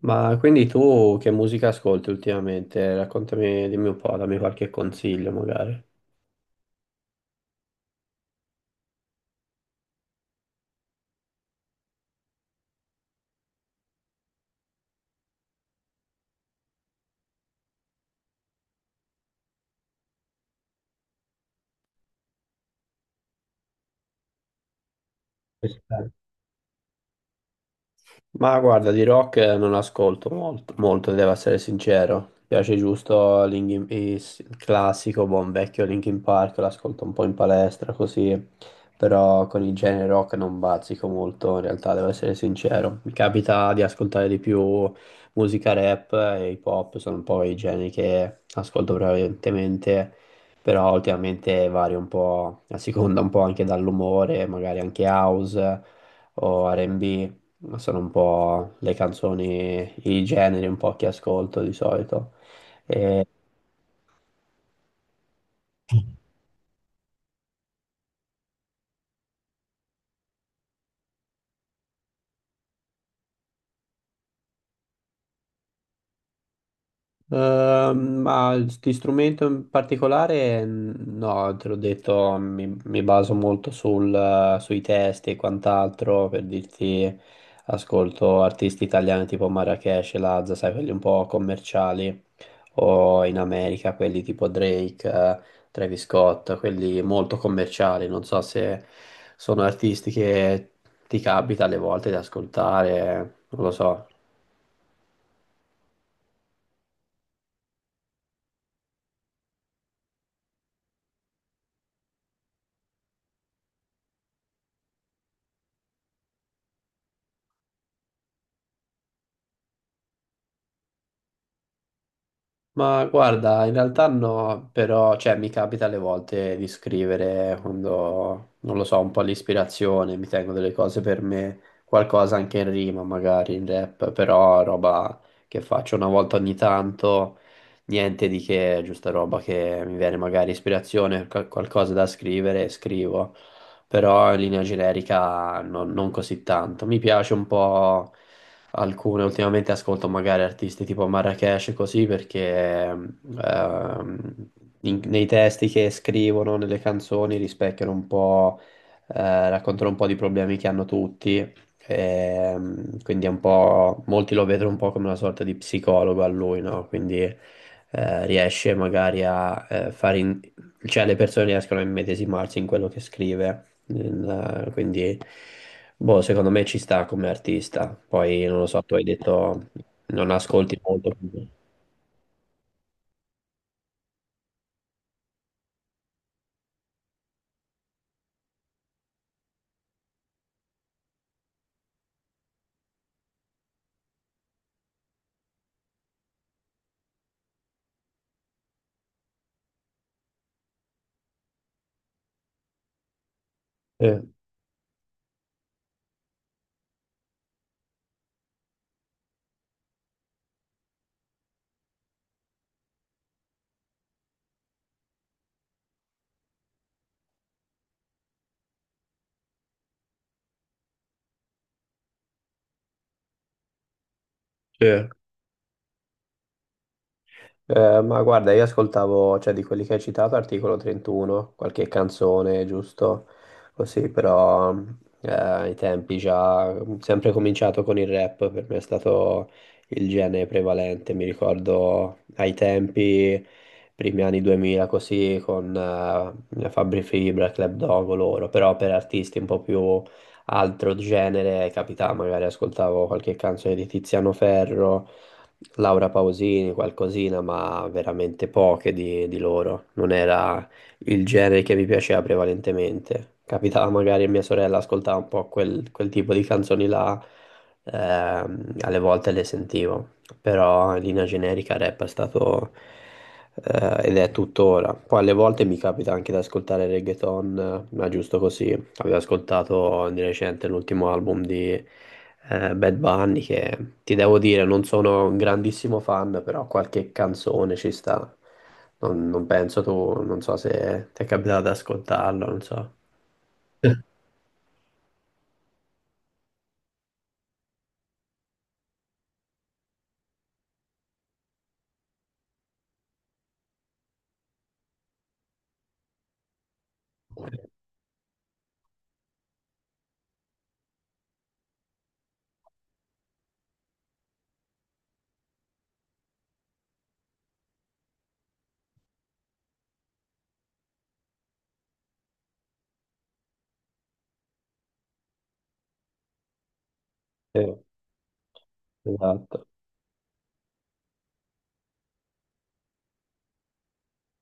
Ma quindi tu che musica ascolti ultimamente? Raccontami, dimmi un po', dammi qualche consiglio magari. Ma guarda, di rock non ascolto molto, molto, devo essere sincero. Mi piace giusto il classico, buon vecchio Linkin Park, l'ascolto un po' in palestra così, però con il genere rock non bazzico molto, in realtà devo essere sincero. Mi capita di ascoltare di più musica rap e hip hop, sono un po' i generi che ascolto prevalentemente, però ultimamente vario un po' a seconda un po' anche dall'umore, magari anche house o R&B. Ma sono un po' le canzoni, i generi un po' che ascolto di solito. Ma di strumento in particolare, mm, no, te l'ho detto, mi baso molto sul, sui testi e quant'altro per dirti, ascolto artisti italiani tipo Marracash, e Lazza, sai, quelli un po' commerciali, o in America quelli tipo Drake, Travis Scott, quelli molto commerciali, non so se sono artisti che ti capita alle volte di ascoltare, non lo so. Ma guarda, in realtà no, però cioè, mi capita alle volte di scrivere quando, non lo so, un po' l'ispirazione, mi tengo delle cose per me, qualcosa anche in rima, magari in rap, però roba che faccio una volta ogni tanto, niente di che, giusta roba che mi viene magari ispirazione, qualcosa da scrivere, scrivo, però in linea generica non così tanto. Mi piace un po' alcune. Ultimamente ascolto magari artisti tipo Marracash e così perché ehm, nei testi che scrivono, nelle canzoni rispecchiano un po', raccontano un po' di problemi che hanno tutti. Quindi è un po', molti lo vedono un po' come una sorta di psicologo a lui, no? Quindi riesce magari a fare, cioè le persone riescono a immedesimarsi in quello che scrive. Quindi, boh, secondo me ci sta come artista. Poi, non lo so, tu hai detto non ascolti molto. Eh, sì. Ma guarda, io ascoltavo, cioè di quelli che hai citato, Articolo 31, qualche canzone, giusto? Così, però ai tempi già, sempre cominciato con il rap, per me è stato il genere prevalente, mi ricordo ai tempi, primi anni 2000, così, con Fabri Fibra, Club Dogo, loro, però per artisti un po' più altro genere, capitava, magari ascoltavo qualche canzone di Tiziano Ferro Laura Pausini, qualcosina, ma veramente poche di loro. Non era il genere che mi piaceva prevalentemente. Capitava magari a mia sorella ascoltava un po' quel tipo di canzoni là, alle volte le sentivo, però in linea generica rap è stato ed è tuttora. Poi alle volte mi capita anche di ascoltare reggaeton, ma giusto così, avevo ascoltato di recente l'ultimo album di Bad Bunny che ti devo dire non sono un grandissimo fan, però qualche canzone ci sta. Non penso tu, non so se ti è capitato ad ascoltarlo, non so. Sì, esatto.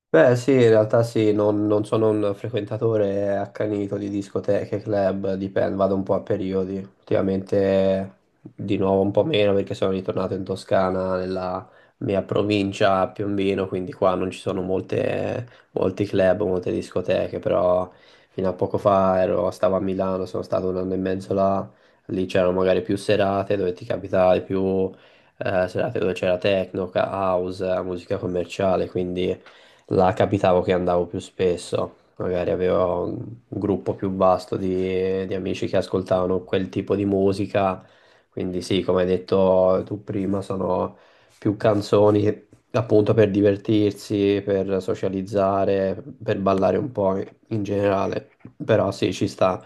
Beh, sì, in realtà sì, non sono un frequentatore accanito di discoteche, club, dipende, vado un po' a periodi. Ultimamente di nuovo un po' meno perché sono ritornato in Toscana, nella mia provincia a Piombino, quindi qua non ci sono molte, molti club, molte discoteche, però fino a poco fa stavo a Milano, sono stato un anno e mezzo là, lì c'erano magari più serate dove ti capitavi più serate dove c'era techno, house, musica commerciale, quindi... Là capitavo che andavo più spesso, magari avevo un gruppo più vasto di amici che ascoltavano quel tipo di musica, quindi sì, come hai detto tu prima, sono più canzoni che- appunto per divertirsi, per socializzare, per ballare un po' in generale, però sì, ci sta.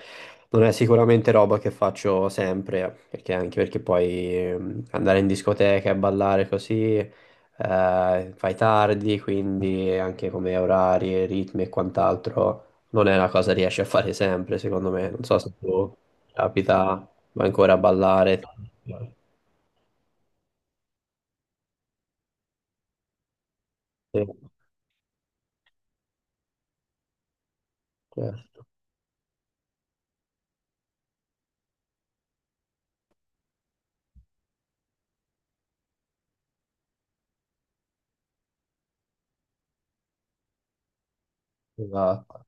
Non è sicuramente roba che faccio sempre, perché anche perché poi andare in discoteca e ballare così fai tardi, quindi anche come orari, ritmi e quant'altro non è una cosa che riesci a fare sempre, secondo me. Non so se tu capita, vai ancora a ballare. Sì, sì, sì, esatto.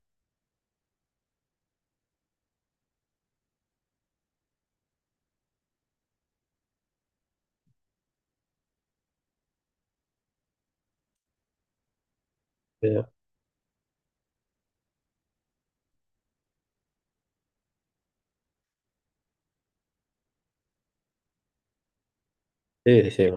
Sì, sì, sì.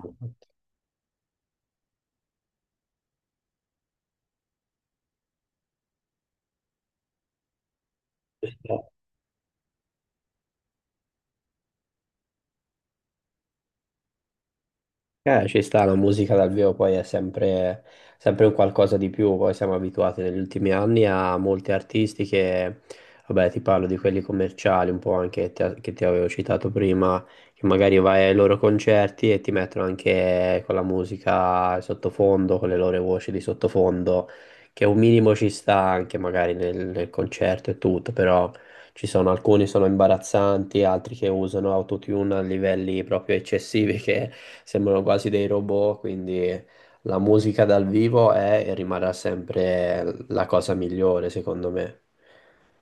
Ci sta, la musica dal vivo poi è sempre, sempre un qualcosa di più, poi siamo abituati negli ultimi anni a molti artisti che, vabbè, ti parlo di quelli commerciali, un po' anche che ti avevo citato prima, che magari vai ai loro concerti e ti mettono anche con la musica sottofondo, con le loro voci di sottofondo, che un minimo ci sta anche magari nel concerto e tutto, però ci sono alcuni sono imbarazzanti, altri che usano autotune a livelli proprio eccessivi che sembrano quasi dei robot, quindi la musica dal vivo è e rimarrà sempre la cosa migliore, secondo me.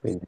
Quindi,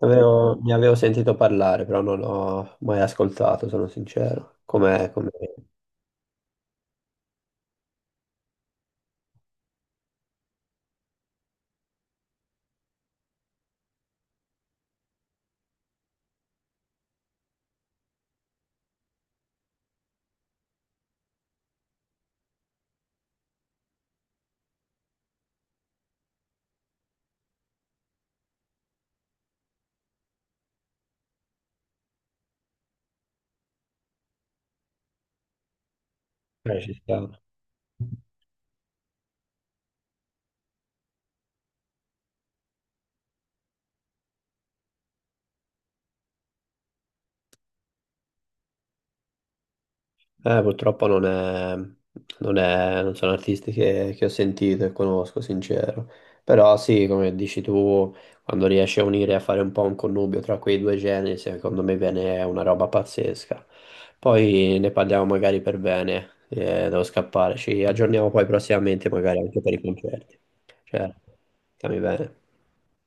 ne avevo sentito parlare, però non l'ho mai ascoltato, sono sincero. Com'è? Com'è? Ci sta. Purtroppo non sono artisti che ho sentito e conosco, sincero. Però sì, come dici tu, quando riesci a unire, a fare un po' un connubio tra quei due generi, secondo me viene una roba pazzesca. Poi ne parliamo magari per bene, devo scappare, ci aggiorniamo poi prossimamente magari anche per i concerti. Cioè, stiamo bene.